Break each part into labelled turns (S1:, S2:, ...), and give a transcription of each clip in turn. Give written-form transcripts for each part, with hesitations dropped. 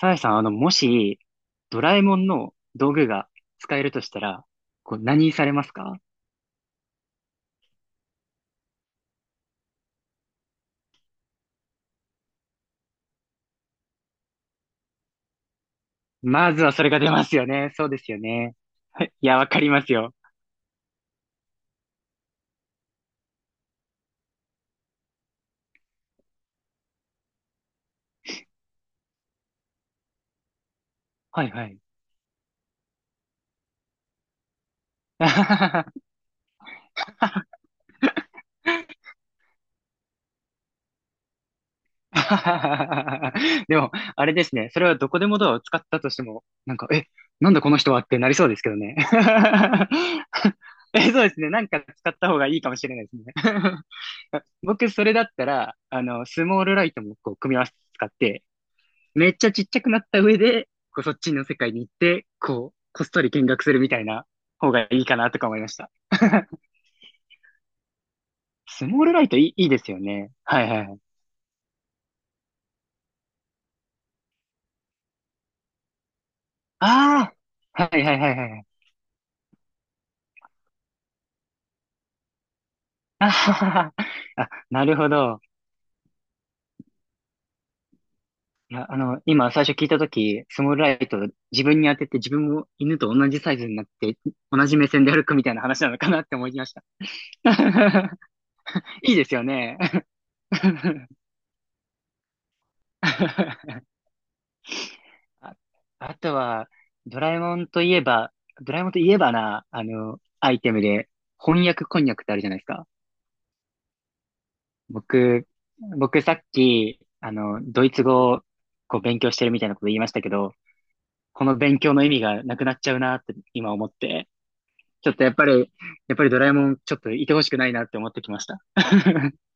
S1: サザエさん、もし、ドラえもんの道具が使えるとしたら、こう、何されますか？まずはそれが出ますよね。そうですよね。いや、わかりますよ。はいはい。でも、あれですね。それはどこでもドアを使ったとしても、なんか、なんだこの人はってなりそうですけどね。え、そうですね。なんか使った方がいいかもしれないですね。僕、それだったら、スモールライトもこう、組み合わせて使って、めっちゃちっちゃくなった上で、こうそっちの世界に行って、こう、こっそり見学するみたいな方がいいかなとか思いました。スモールライトいいですよね。はいはいはい。ああ、はいはいはいはいはい。あはははあ、なるほど。いや、今最初聞いたとき、スモールライト自分に当てて自分も犬と同じサイズになって、同じ目線で歩くみたいな話なのかなって思いました。いいですよね。あ、あとは、ドラえもんといえば、ドラえもんといえばな、アイテムで、翻訳こんにゃくってあるじゃないですか。僕、僕さっき、ドイツ語をこう勉強してるみたいなこと言いましたけど、この勉強の意味がなくなっちゃうなって今思って、ちょっとやっぱりドラえもんちょっといてほしくないなって思ってきました。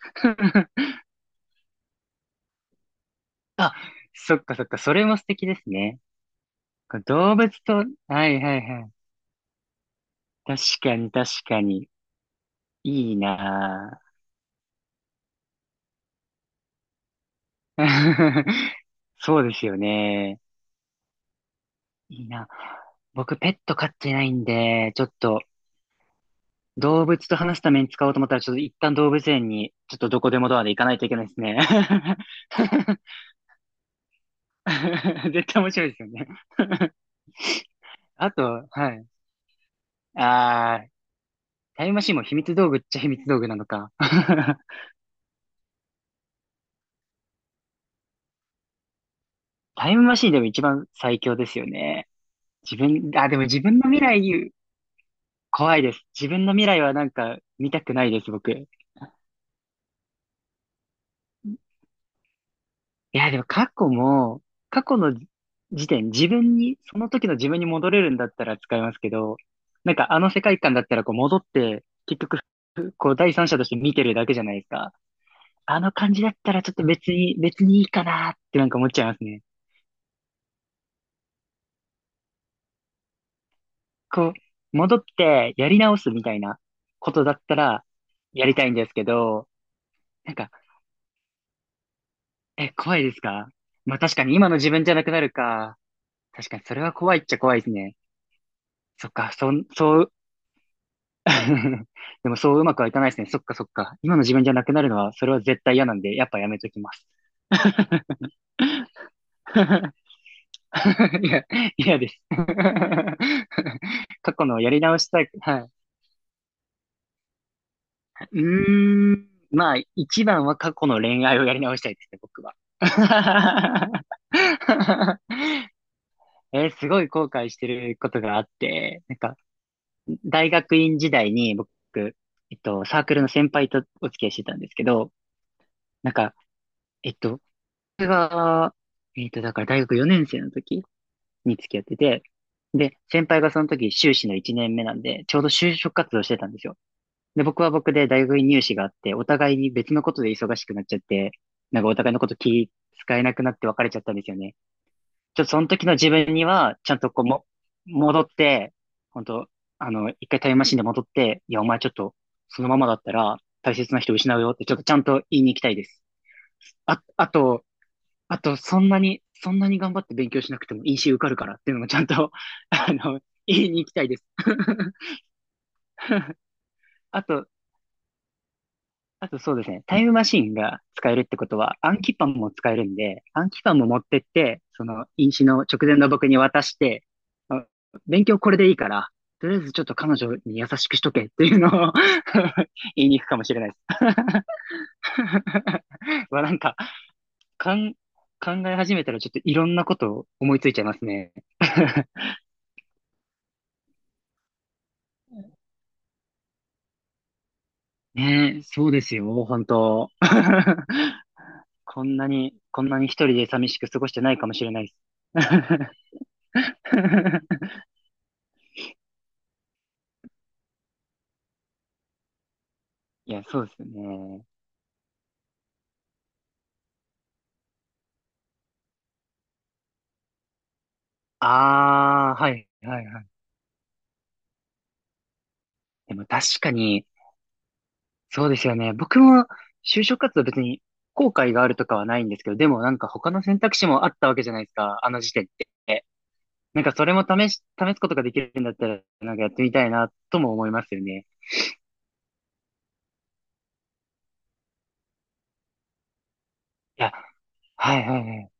S1: あ、そっかそっか、それも素敵ですね。動物と、はいはいはい。確かに確かに。いいなぁ。そうですよね。いいな。僕、ペット飼ってないんで、ちょっと、動物と話すために使おうと思ったら、ちょっと一旦動物園に、ちょっとどこでもドアで行かないといけないですね。絶対面白いですよね。あと、はい。あー、タイムマシンも秘密道具っちゃ秘密道具なのか。タイムマシンでも一番最強ですよね。自分、あ、でも自分の未来、怖いです。自分の未来はなんか見たくないです、僕。いや、でも過去の時点、自分に、その時の自分に戻れるんだったら使いますけど、なんかあの世界観だったらこう戻って、結局、こう第三者として見てるだけじゃないですか。あの感じだったらちょっと別にいいかなってなんか思っちゃいますね。こう、戻ってやり直すみたいなことだったらやりたいんですけど、なんか、怖いですか？まあ確かに今の自分じゃなくなるか。確かにそれは怖いっちゃ怖いですね。そっか、そう。 でもそううまくはいかないですね。そっかそっか。今の自分じゃなくなるのは、それは絶対嫌なんで、やっぱやめときます。いや、嫌です。過去のやり直したい。はい。うーん。まあ、一番は過去の恋愛をやり直したいですね、僕は。すごい後悔してることがあって、なんか、大学院時代に僕、サークルの先輩とお付き合いしてたんですけど、なんか、えっと、が、えっと、だから大学4年生の時に付き合ってて、で、先輩がその時修士の1年目なんで、ちょうど就職活動してたんですよ。で、僕は僕で大学院入試があって、お互いに別のことで忙しくなっちゃって、なんかお互いのこと気使えなくなって別れちゃったんですよね。ちょっとその時の自分には、ちゃんとこうも、戻って、本当一回タイムマシンで戻って、いや、お前ちょっと、そのままだったら、大切な人失うよって、ちょっとちゃんと言いに行きたいです。あ、あと、あと、そんなに頑張って勉強しなくても EC 受かるからっていうのもちゃんと、言いに行きたいです。あと、あとそうですね、タイムマシンが使えるってことは、暗記パンも使えるんで、暗記パンも持ってって、飲酒の直前の僕に渡して、あ勉強これでいいから、とりあえずちょっと彼女に優しくしとけっていうのを 言いに行くかもしれないです。わなんか、かん、考え始めたらちょっといろんなことを思いついちゃいますね。ねえ、そうですよ、本当。こんなに一人で寂しく過ごしてないかもしれないです。いや、そうですよね。ああ、はい、はい、はい。でも確かに、そうですよね。僕も就職活動別に後悔があるとかはないんですけど、でもなんか他の選択肢もあったわけじゃないですか、あの時点って。なんかそれも試すことができるんだったら、なんかやってみたいなとも思いますよね。いや、はい、はい、はい。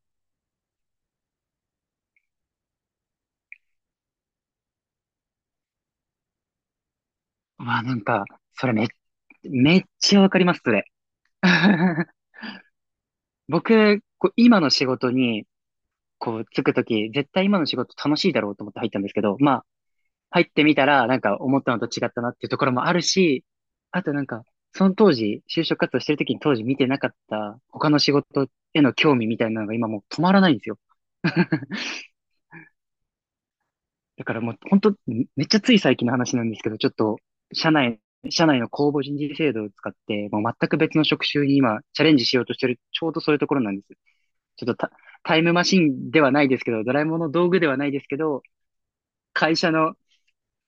S1: まあなんか、それめ、めっちゃわかります、それ。僕、こう今の仕事に、こう、つくとき、絶対今の仕事楽しいだろうと思って入ったんですけど、まあ、入ってみたら、なんか思ったのと違ったなっていうところもあるし、あとなんか、その当時、就職活動してるときに当時見てなかった他の仕事への興味みたいなのが今もう止まらないんですよ。だからもう本当、めっちゃつい最近の話なんですけど、ちょっと、社内、社内の公募人事制度を使って、もう全く別の職種に今、チャレンジしようとしてる、ちょうどそういうところなんです。ちょっとタイムマシンではないですけど、ドラえもんの道具ではないですけど、会社の、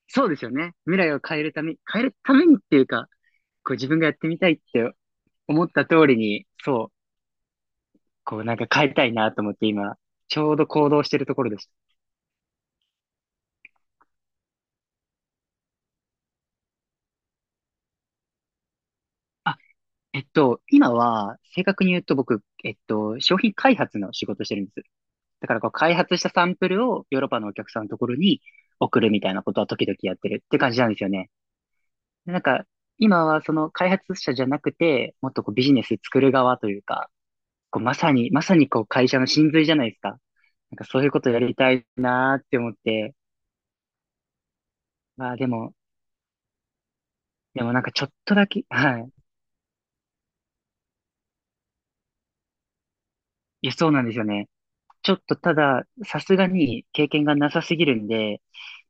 S1: そうですよね。未来を変えるためにっていうか、こう自分がやってみたいって思った通りに、そう、こうなんか変えたいなと思って今、ちょうど行動してるところです。あ今は、正確に言うと僕、商品開発の仕事をしてるんです。だからこう、開発したサンプルをヨーロッパのお客さんのところに送るみたいなことは時々やってるって感じなんですよね。でなんか、今はその開発者じゃなくて、もっとこうビジネス作る側というか、こうまさに、こう会社の真髄じゃないですか。なんかそういうことやりたいなーって思って、まあでもなんかちょっとだけ、はい。いや、そうなんですよね。ちょっとただ、さすがに経験がなさすぎるんで、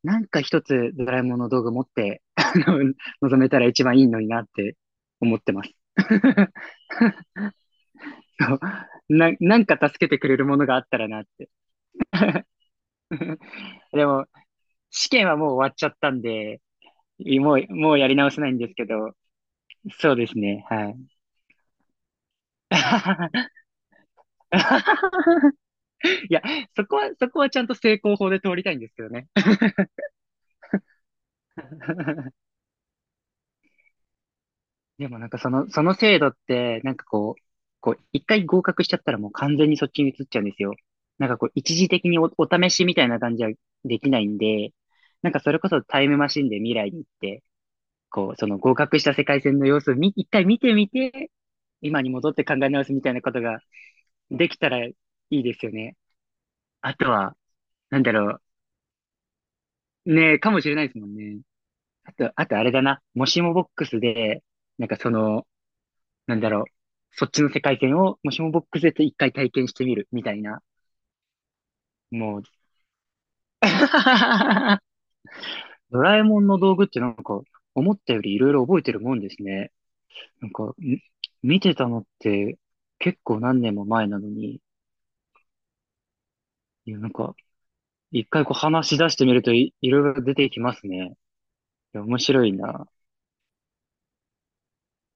S1: なんか一つドラえもんの道具持って、臨めたら一番いいのになって思ってます。そうなんか助けてくれるものがあったらなって。でも、試験はもう終わっちゃったんで、もうやり直せないんですけど、そうですね、はい。いや、そこはちゃんと成功法で通りたいんですけどね。でもなんかその制度って、なんかこう、一回合格しちゃったらもう完全にそっちに移っちゃうんですよ。なんかこう、一時的にお試しみたいな感じはできないんで、なんかそれこそタイムマシンで未来に行って、こう、その合格した世界線の様子を一回見てみて、今に戻って考え直すみたいなことができたらいいですよね。あとは、なんだろう。ねえ、かもしれないですもんね。あとあれだな。もしもボックスで、なんかその、なんだろう、そっちの世界線を、もしもボックスで一回体験してみる、みたいな。もう、ドラえもんの道具ってなんか、思ったよりいろいろ覚えてるもんですね。なんか、見てたのって結構何年も前なのに、いや、なんか、一回こう話し出してみると、いろいろ出てきますね。いや、面白いな。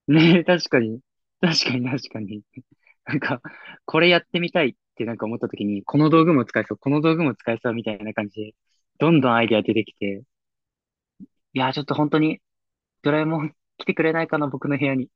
S1: ねえ、確かに。確かに確かに。なんか、これやってみたいってなんか思った時に、この道具も使えそう、この道具も使えそうみたいな感じで、どんどんアイデア出てきて、いやー、ちょっと本当にドラえもん来てくれないかな、僕の部屋に。